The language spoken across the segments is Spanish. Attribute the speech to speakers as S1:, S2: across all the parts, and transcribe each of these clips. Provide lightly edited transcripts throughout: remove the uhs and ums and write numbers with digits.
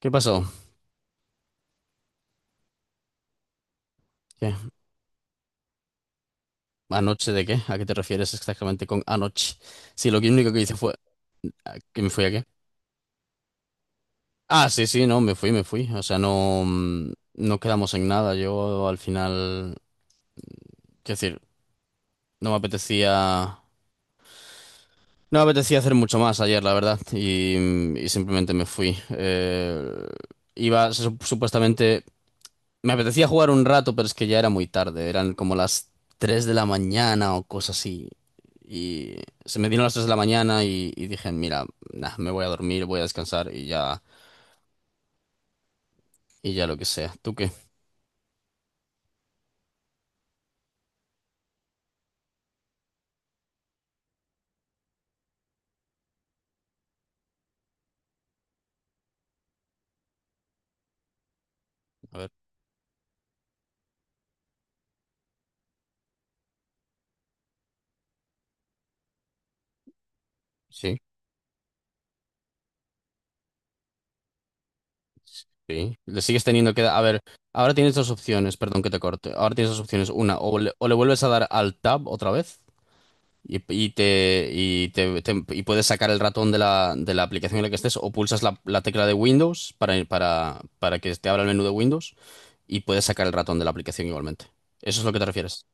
S1: ¿Qué pasó? ¿Qué? ¿Anoche de qué? ¿A qué te refieres exactamente con anoche? Sí, único que hice fue... ¿a ¿Que me fui a qué? Ah, sí, sí, no, me fui, me fui. O sea, no, no quedamos en nada. Yo al final... Quiero decir, no me apetecía... No me apetecía hacer mucho más ayer, la verdad. Y, y simplemente me fui. Iba, supuestamente... Me apetecía jugar un rato, pero es que ya era muy tarde. Eran como las 3 de la mañana o cosas así. Y se me dieron las 3 de la mañana y dije, mira, nah, me voy a dormir, voy a descansar y ya lo que sea. ¿Tú qué? A ver, sí, sí. Le sigues teniendo que... A ver, ahora tienes dos opciones, perdón que te corte. Ahora tienes dos opciones. Una, o le vuelves a dar al tab otra vez. Y puedes sacar el ratón de de la aplicación en la que estés o pulsas la tecla de Windows para que te abra el menú de Windows y puedes sacar el ratón de la aplicación igualmente. ¿Eso es lo que te refieres?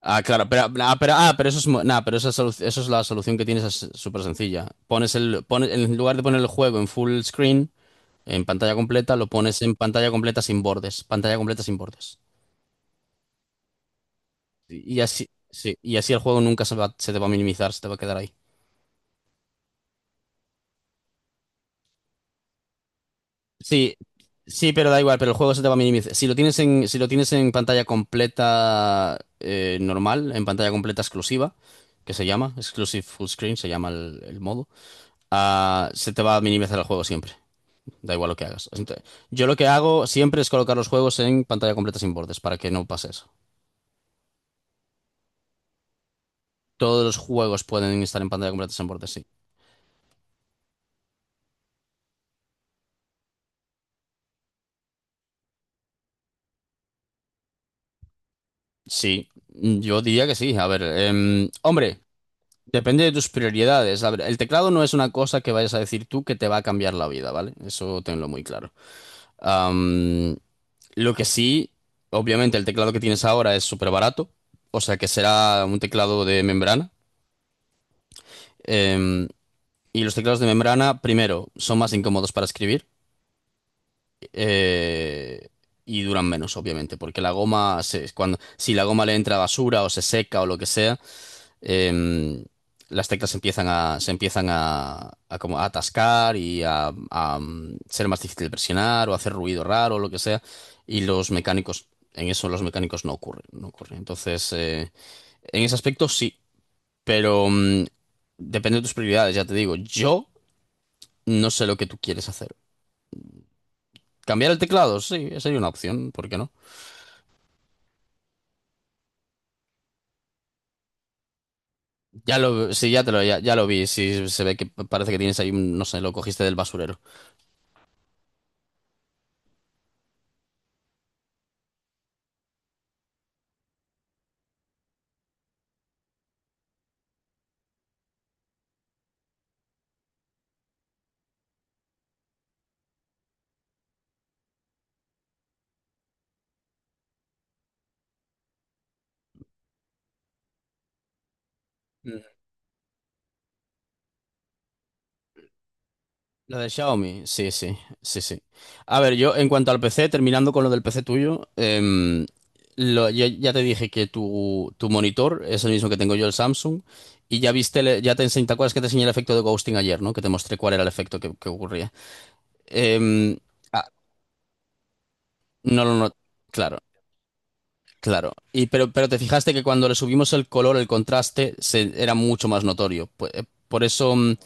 S1: Ah, claro, pero eso es, nah, eso es la solución que tienes, es súper sencilla. Pones, en lugar de poner el juego en full screen, en pantalla completa, lo pones en pantalla completa sin bordes, pantalla completa sin bordes. Y así, sí, y así el juego nunca se va- se te va a minimizar, se te va a quedar ahí. Sí, sí, pero da igual, pero el juego se te va a minimizar. Si lo tienes en, si lo tienes en pantalla completa normal, en pantalla completa exclusiva, que se llama, Exclusive Full Screen, se llama el modo, ah, se te va a minimizar el juego siempre, da igual lo que hagas. Yo lo que hago siempre es colocar los juegos en pantalla completa sin bordes, para que no pase eso. Todos los juegos pueden estar en pantalla completa sin bordes, sí. Sí, yo diría que sí. A ver, hombre. Depende de tus prioridades. A ver, el teclado no es una cosa que vayas a decir tú que te va a cambiar la vida, ¿vale? Eso tenlo muy claro. Am, lo que sí, obviamente el teclado que tienes ahora es súper barato, o sea que será un teclado de membrana. Em, y los teclados de membrana, primero, son más incómodos para escribir eh, y duran menos, obviamente, porque cuando, si la goma le entra basura o se seca o lo que sea, em, las teclas se empiezan a como a atascar y a ser más difícil de presionar o hacer ruido raro o lo que sea. Y los mecánicos, en eso los mecánicos no ocurren, no ocurre. Entonces, en ese aspecto sí, pero depende de tus prioridades, ya te digo. Yo no sé lo que tú quieres hacer. Cambiar el teclado, sí, sería una opción, ¿por qué no? Sí, ya lo vi, sí, se ve que parece que tienes ahí, no sé, lo cogiste del basurero. Lo de Xiaomi, sí, sí, sí, sí. A ver, yo en cuanto al PC, terminando con lo del PC tuyo, ya, ya te dije que tu monitor es el mismo que tengo yo, el Samsung, y ya viste, ya te enseñé, ¿te acuerdas que te enseñé el efecto de ghosting ayer, ¿no? Que te mostré cuál era el efecto que ocurría. Em, ah, no, no, no, claro, claro. Pero te fijaste que cuando le subimos el color, el contraste, se, era mucho más notorio. Por eso...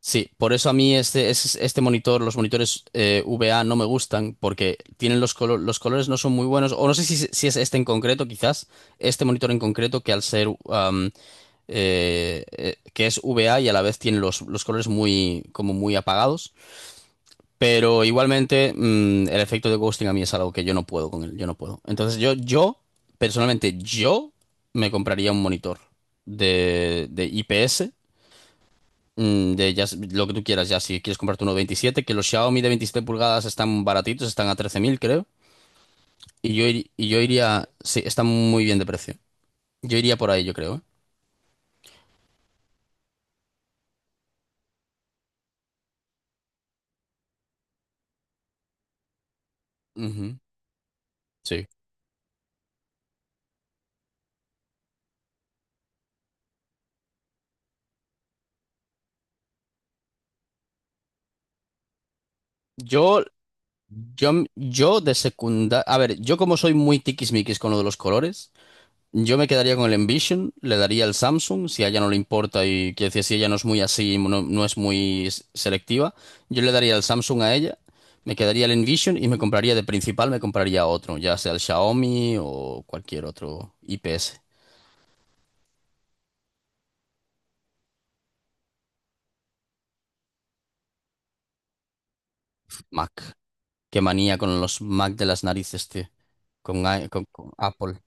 S1: sí, por eso a mí este monitor, los monitores VA no me gustan porque tienen los, los colores no son muy buenos, o no sé si, si es este en concreto, quizás, este monitor en concreto que al ser, que es VA y a la vez tiene los colores muy, como muy apagados, pero igualmente el efecto de ghosting a mí es algo que yo no puedo con él, yo no puedo. Personalmente, yo me compraría un monitor de IPS. De ya, lo que tú quieras, ya si quieres comprarte uno 27, que los Xiaomi de 27 pulgadas están baratitos, están a 13.000 creo. Y yo iría, sí, están muy bien de precio. Yo iría por ahí, yo creo. ¿Eh? Ujú, sí. Yo, yo de secundaria, a ver, yo como soy muy tiquismiquis con lo de los colores, yo me quedaría con el Envision, le daría el Samsung, si a ella no le importa y quiero decir, si ella no es muy así, no es muy selectiva, yo le daría el Samsung a ella, me quedaría el Envision y me compraría de principal, me compraría otro, ya sea el Xiaomi o cualquier otro IPS, Mac. Qué manía con los Mac de las narices, tío, con Apple.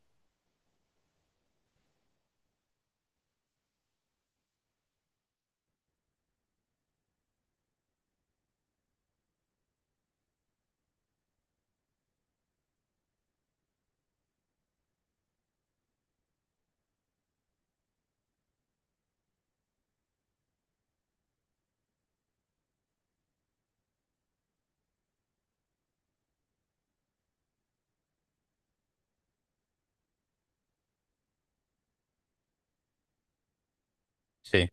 S1: Sí.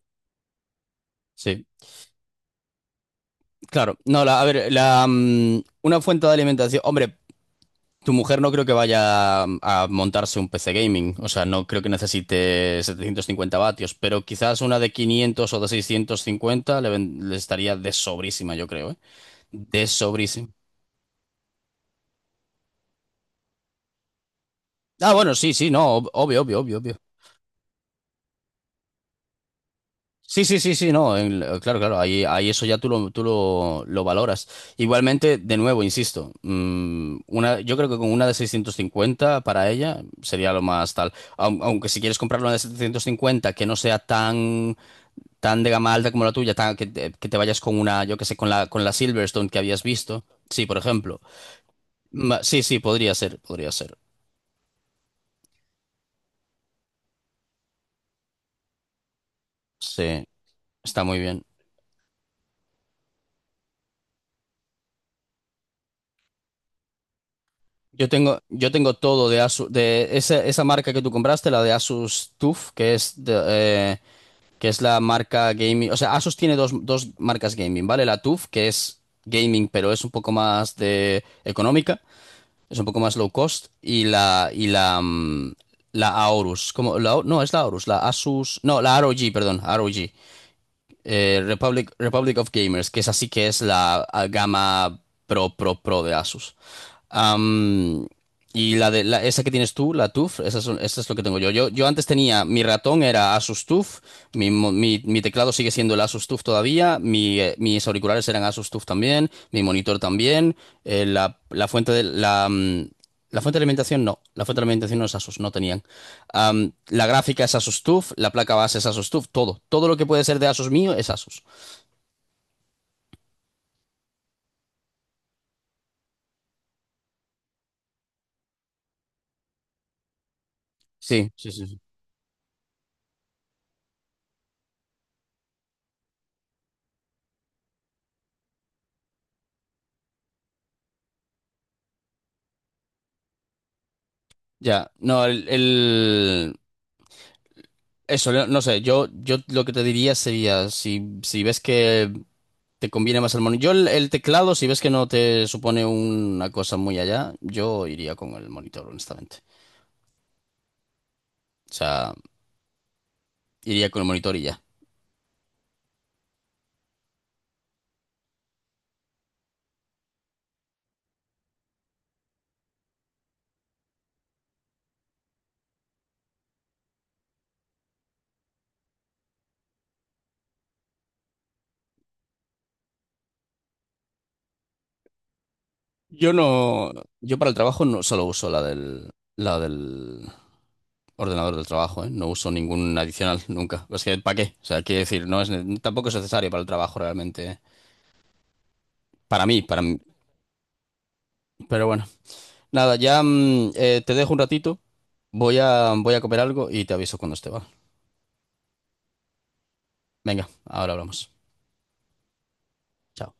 S1: Sí, claro. No, la, a ver, una fuente de alimentación. Hombre, tu mujer no creo que vaya a montarse un PC gaming, o sea, no creo que necesite 750 vatios, pero quizás una de 500 o de 650 le estaría de sobrísima, yo creo, ¿eh? De sobrísima. Ah, bueno, sí, sí, no, obvio, obvio, obvio, obvio. Sí, sí, sí, sí, no, claro, claro, ahí, ahí eso ya tú lo valoras. Igualmente, de nuevo, insisto, yo creo que con una de 650 para ella sería lo más tal. Aunque si quieres comprar una de 750, que no sea tan tan de gama alta como la tuya, que te vayas con una, yo qué sé, con la Silverstone que habías visto. Sí, por ejemplo. Sí, sí, podría ser, podría ser. Sí, está muy bien. Yo tengo todo de Asus, de esa, esa marca que tú compraste, la de Asus TUF, que es la marca gaming. O sea, Asus tiene dos marcas gaming, ¿vale? La TUF, que es gaming, pero es un poco más de económica. Es un poco más low cost. La Aorus. Como La, no, es la Aorus. La Asus. No, la ROG, perdón. ROG. Republic, Republic of Gamers, que es así que es la gama pro, pro, pro de Asus. Am, y la de esa que tienes tú, la TUF, esa es lo que tengo yo. Yo. Yo antes tenía, mi ratón era Asus TUF, mi teclado sigue siendo el Asus TUF todavía, mis auriculares eran Asus TUF también, mi monitor también, la fuente de la fuente de alimentación no, la fuente de alimentación no es Asus, no tenían. La gráfica es Asus TUF, la placa base es Asus TUF, todo. Todo lo que puede ser de Asus mío es Asus. Sí, sí, sí. sí. Ya, no, el, el- Eso, no no sé, yo lo que te diría sería, si, si ves que te conviene más el monitor, yo el teclado, si ves que no te supone una cosa muy allá, yo iría con el monitor, honestamente. O sea, iría con el monitor y ya. Yo no, yo para el trabajo no solo uso la del Ordenador del trabajo, ¿eh? No uso ningún adicional nunca. Es que, ¿para qué? O sea, quiero decir, no es, tampoco es necesario para el trabajo realmente. ¿Eh? Para mí, para mí. Pero bueno, nada, te dejo un ratito. Voy a comer algo y te aviso cuando esté, ¿vale? Venga, ahora hablamos. Chao.